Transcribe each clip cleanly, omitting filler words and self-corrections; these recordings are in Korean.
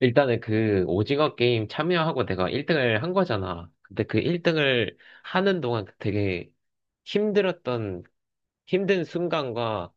일단은 그 오징어 게임 참여하고 내가 1등을 한 거잖아. 근데 그 1등을 하는 동안 그 되게 힘들었던, 힘든 순간과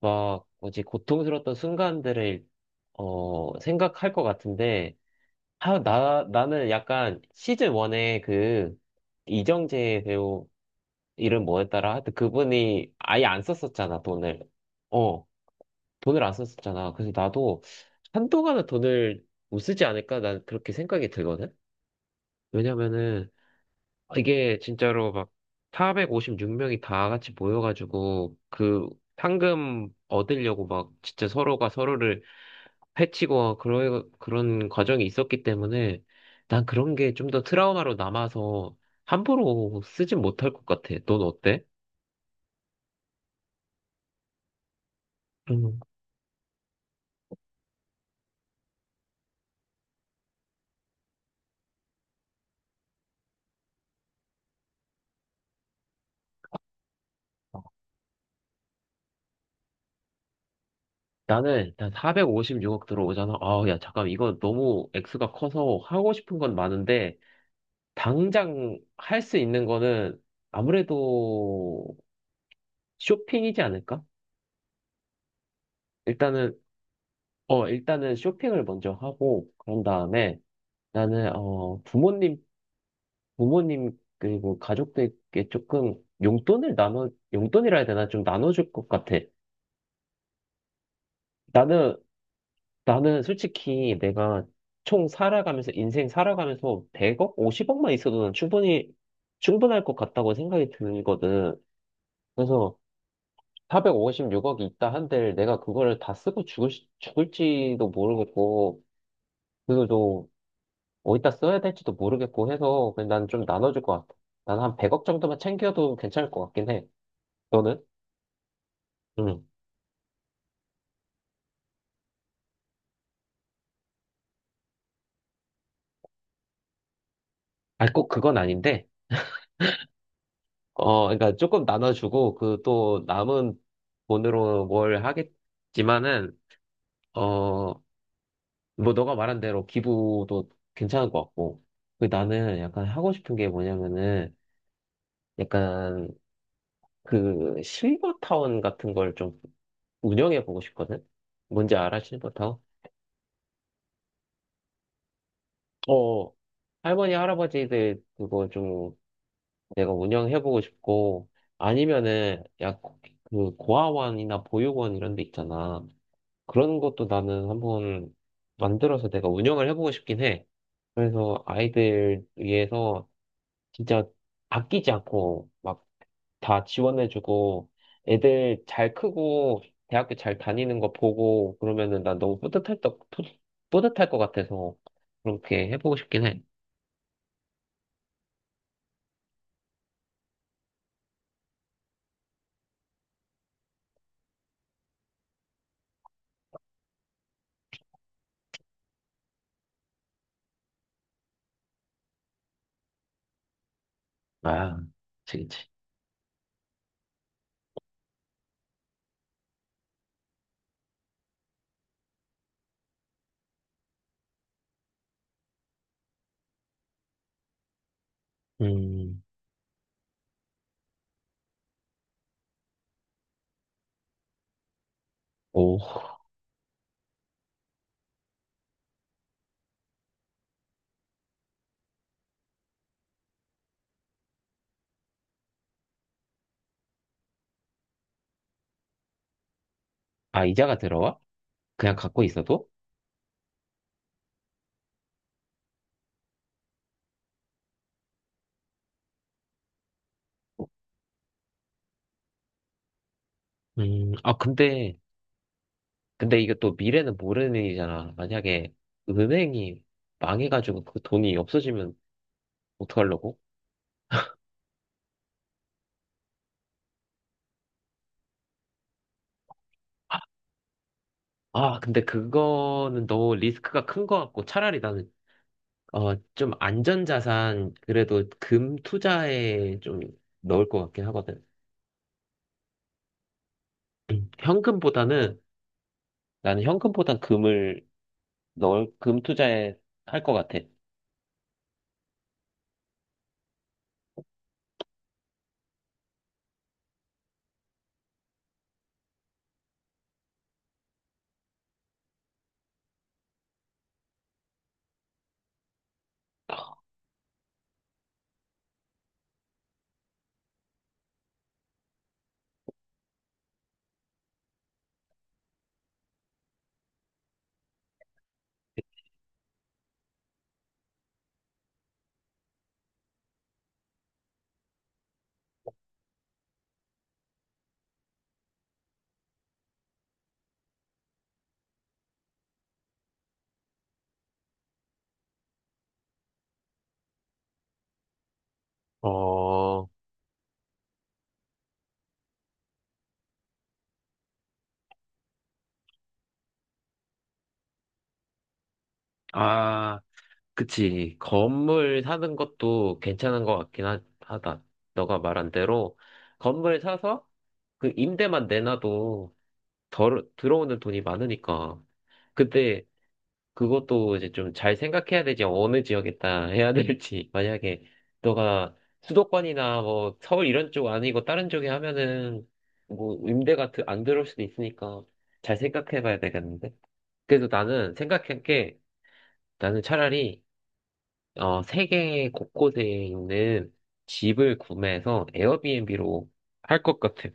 막 뭐지, 고통스러웠던 순간들을, 생각할 것 같은데, 아, 나는 약간 시즌 1에 그 이정재 배우 이름 뭐였더라? 하여튼 그분이 아예 안 썼었잖아, 돈을. 어. 돈을 안 썼었잖아. 그래서 나도 한동안은 돈을 못 쓰지 않을까? 난 그렇게 생각이 들거든? 왜냐면은 이게 진짜로 막 456명이 다 같이 모여가지고 그 상금 얻으려고 막 진짜 서로가 서로를 해치고 그런, 그런 과정이 있었기 때문에 난 그런 게 좀 더 트라우마로 남아서 함부로 쓰진 못할 것 같아. 넌 어때? 음. 나는 일단 456억 들어오잖아. 아, 야, 잠깐, 이거 너무 액수가 커서 하고 싶은 건 많은데, 당장 할 수 있는 거는 아무래도 쇼핑이지 않을까? 일단은, 일단은 쇼핑을 먼저 하고, 그런 다음에 나는, 부모님, 부모님, 그리고 가족들께 조금 용돈을 나눠, 용돈이라 해야 되나? 좀 나눠줄 것 같아. 나는 나는 솔직히 내가 총 살아가면서, 인생 살아가면서 100억, 50억만 있어도 난 충분히, 충분할 것 같다고 생각이 드거든. 그래서 456억이 있다 한들 내가 그거를 다 쓰고 죽을지도 모르겠고, 그리고 또 어디다 써야 될지도 모르겠고 해서 그냥 난 좀 나눠줄 것 같아. 난 한 100억 정도만 챙겨도 괜찮을 것 같긴 해. 너는? 응. 아, 꼭 그건 아닌데, 그러니까 조금 나눠주고, 그 또 남은 돈으로 뭘 하겠, 지만은 어, 뭐 너가 말한 대로 기부도 괜찮을 것 같고. 그 나는 약간 하고 싶은 게 뭐냐면은 약간 그 실버타운 같은 걸 좀 운영해 보고 싶거든? 뭔지 알아, 실버타운? 어, 할머니, 할아버지들 그거 좀 내가 운영해 보고 싶고 아니면은 약그 고아원이나 보육원 이런 데 있잖아. 그런 것도 나는 한번 만들어서 내가 운영을 해보고 싶긴 해. 그래서 아이들 위해서 진짜 아끼지 않고 막 다 지원해주고 애들 잘 크고 대학교 잘 다니는 거 보고 그러면은 난 너무 뿌듯할 것 같아서 그렇게 해보고 싶긴 해. 아, 그치, 그치. 음, 오. 아, 이자가 들어와? 그냥 갖고 있어도? 아, 근데 이게 또 미래는 모르는 일이잖아. 만약에 은행이 망해가지고 그 돈이 없어지면 어떡하려고? 아, 근데 그거는 너무 리스크가 큰 것 같고 차라리 나는 좀 안전자산 그래도 금 투자에 좀 넣을 것 같긴 하거든. 현금보다는 나는 현금보단 금을 넣을 금 투자에 할 것 같아. 어, 아, 그치. 건물 사는 것도 괜찮은 것 같긴 하다. 너가 말한 대로 건물 사서 그 임대만 내놔도 덜, 들어오는 돈이 많으니까. 근데 그것도 이제 좀 잘 생각해야 되지. 어느 지역에다 해야 될지. 만약에 너가 수도권이나 뭐 서울 이런 쪽 아니고 다른 쪽에 하면은 뭐 임대가 안 들어올 수도 있으니까 잘 생각해 봐야 되겠는데. 그래서 나는 생각한 게 나는 차라리 세계 곳곳에 있는 집을 구매해서 에어비앤비로 할 것 같아.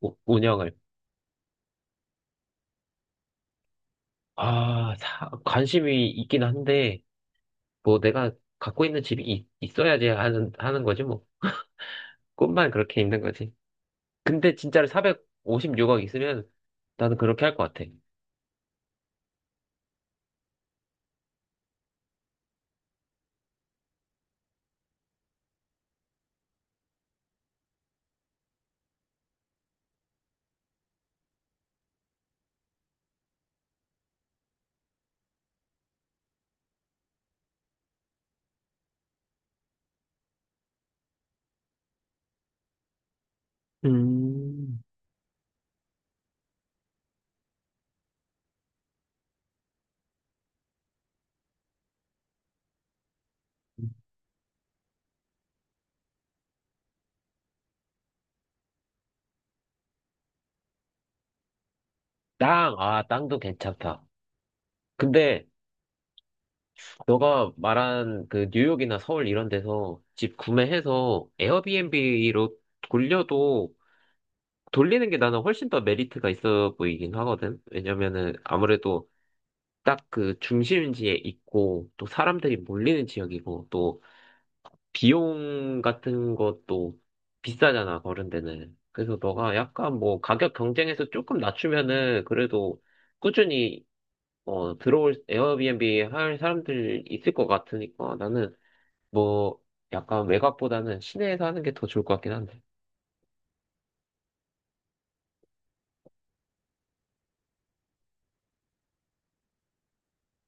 운영을. 아, 관심이 있긴 한데 뭐 내가 갖고 있는 집이 있, 어야지 하는 거지 뭐. 꿈만 그렇게 있는 거지. 근데 진짜로 456억 있으면 나는 그렇게 할 것 같아. 음, 아, 땅도 괜찮다. 근데 너가 말한 그 뉴욕이나 서울 이런 데서 집 구매해서 에어비앤비로 돌려도 돌리는 게 나는 훨씬 더 메리트가 있어 보이긴 하거든. 왜냐면은 아무래도 딱 그 중심지에 있고 또 사람들이 몰리는 지역이고 또 비용 같은 것도 비싸잖아, 그런 데는. 그래서 너가 약간 뭐 가격 경쟁에서 조금 낮추면은 그래도 꾸준히 들어올 에어비앤비 할 사람들 있을 것 같으니까 나는 뭐 약간 외곽보다는 시내에서 하는 게 더 좋을 것 같긴 한데.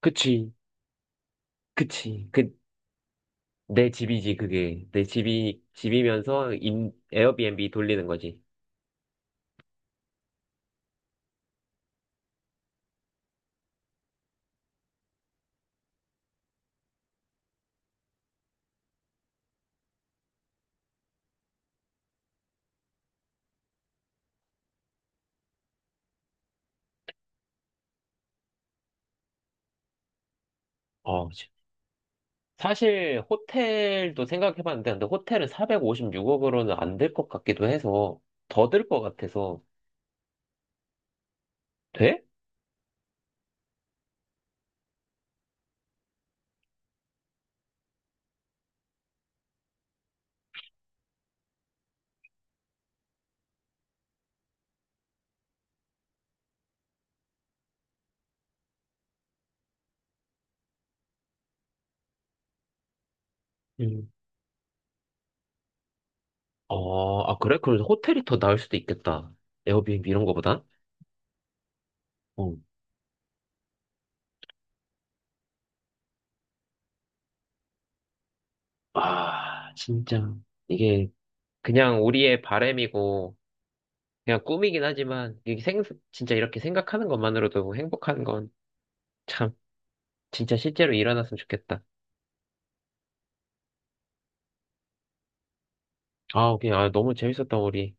그치, 그치. 내 집이지, 그게. 내 집이면서 에어비앤비 돌리는 거지. 어, 사실 호텔도 생각해봤는데 근데 호텔은 456억으로는 안 될 것 같기도 해서 더 들 것 같아서 돼? 응. 어, 아 그래? 그럼 호텔이 더 나을 수도 있겠다. 에어비앤비 이런 거보단? 어. 아 진짜 이게 그냥 우리의 바램이고 그냥 꿈이긴 하지만 이게 생 진짜 이렇게 생각하는 것만으로도 행복한 건 참 진짜 실제로 일어났으면 좋겠다. 아 그냥 아, 너무 재밌었다 우리.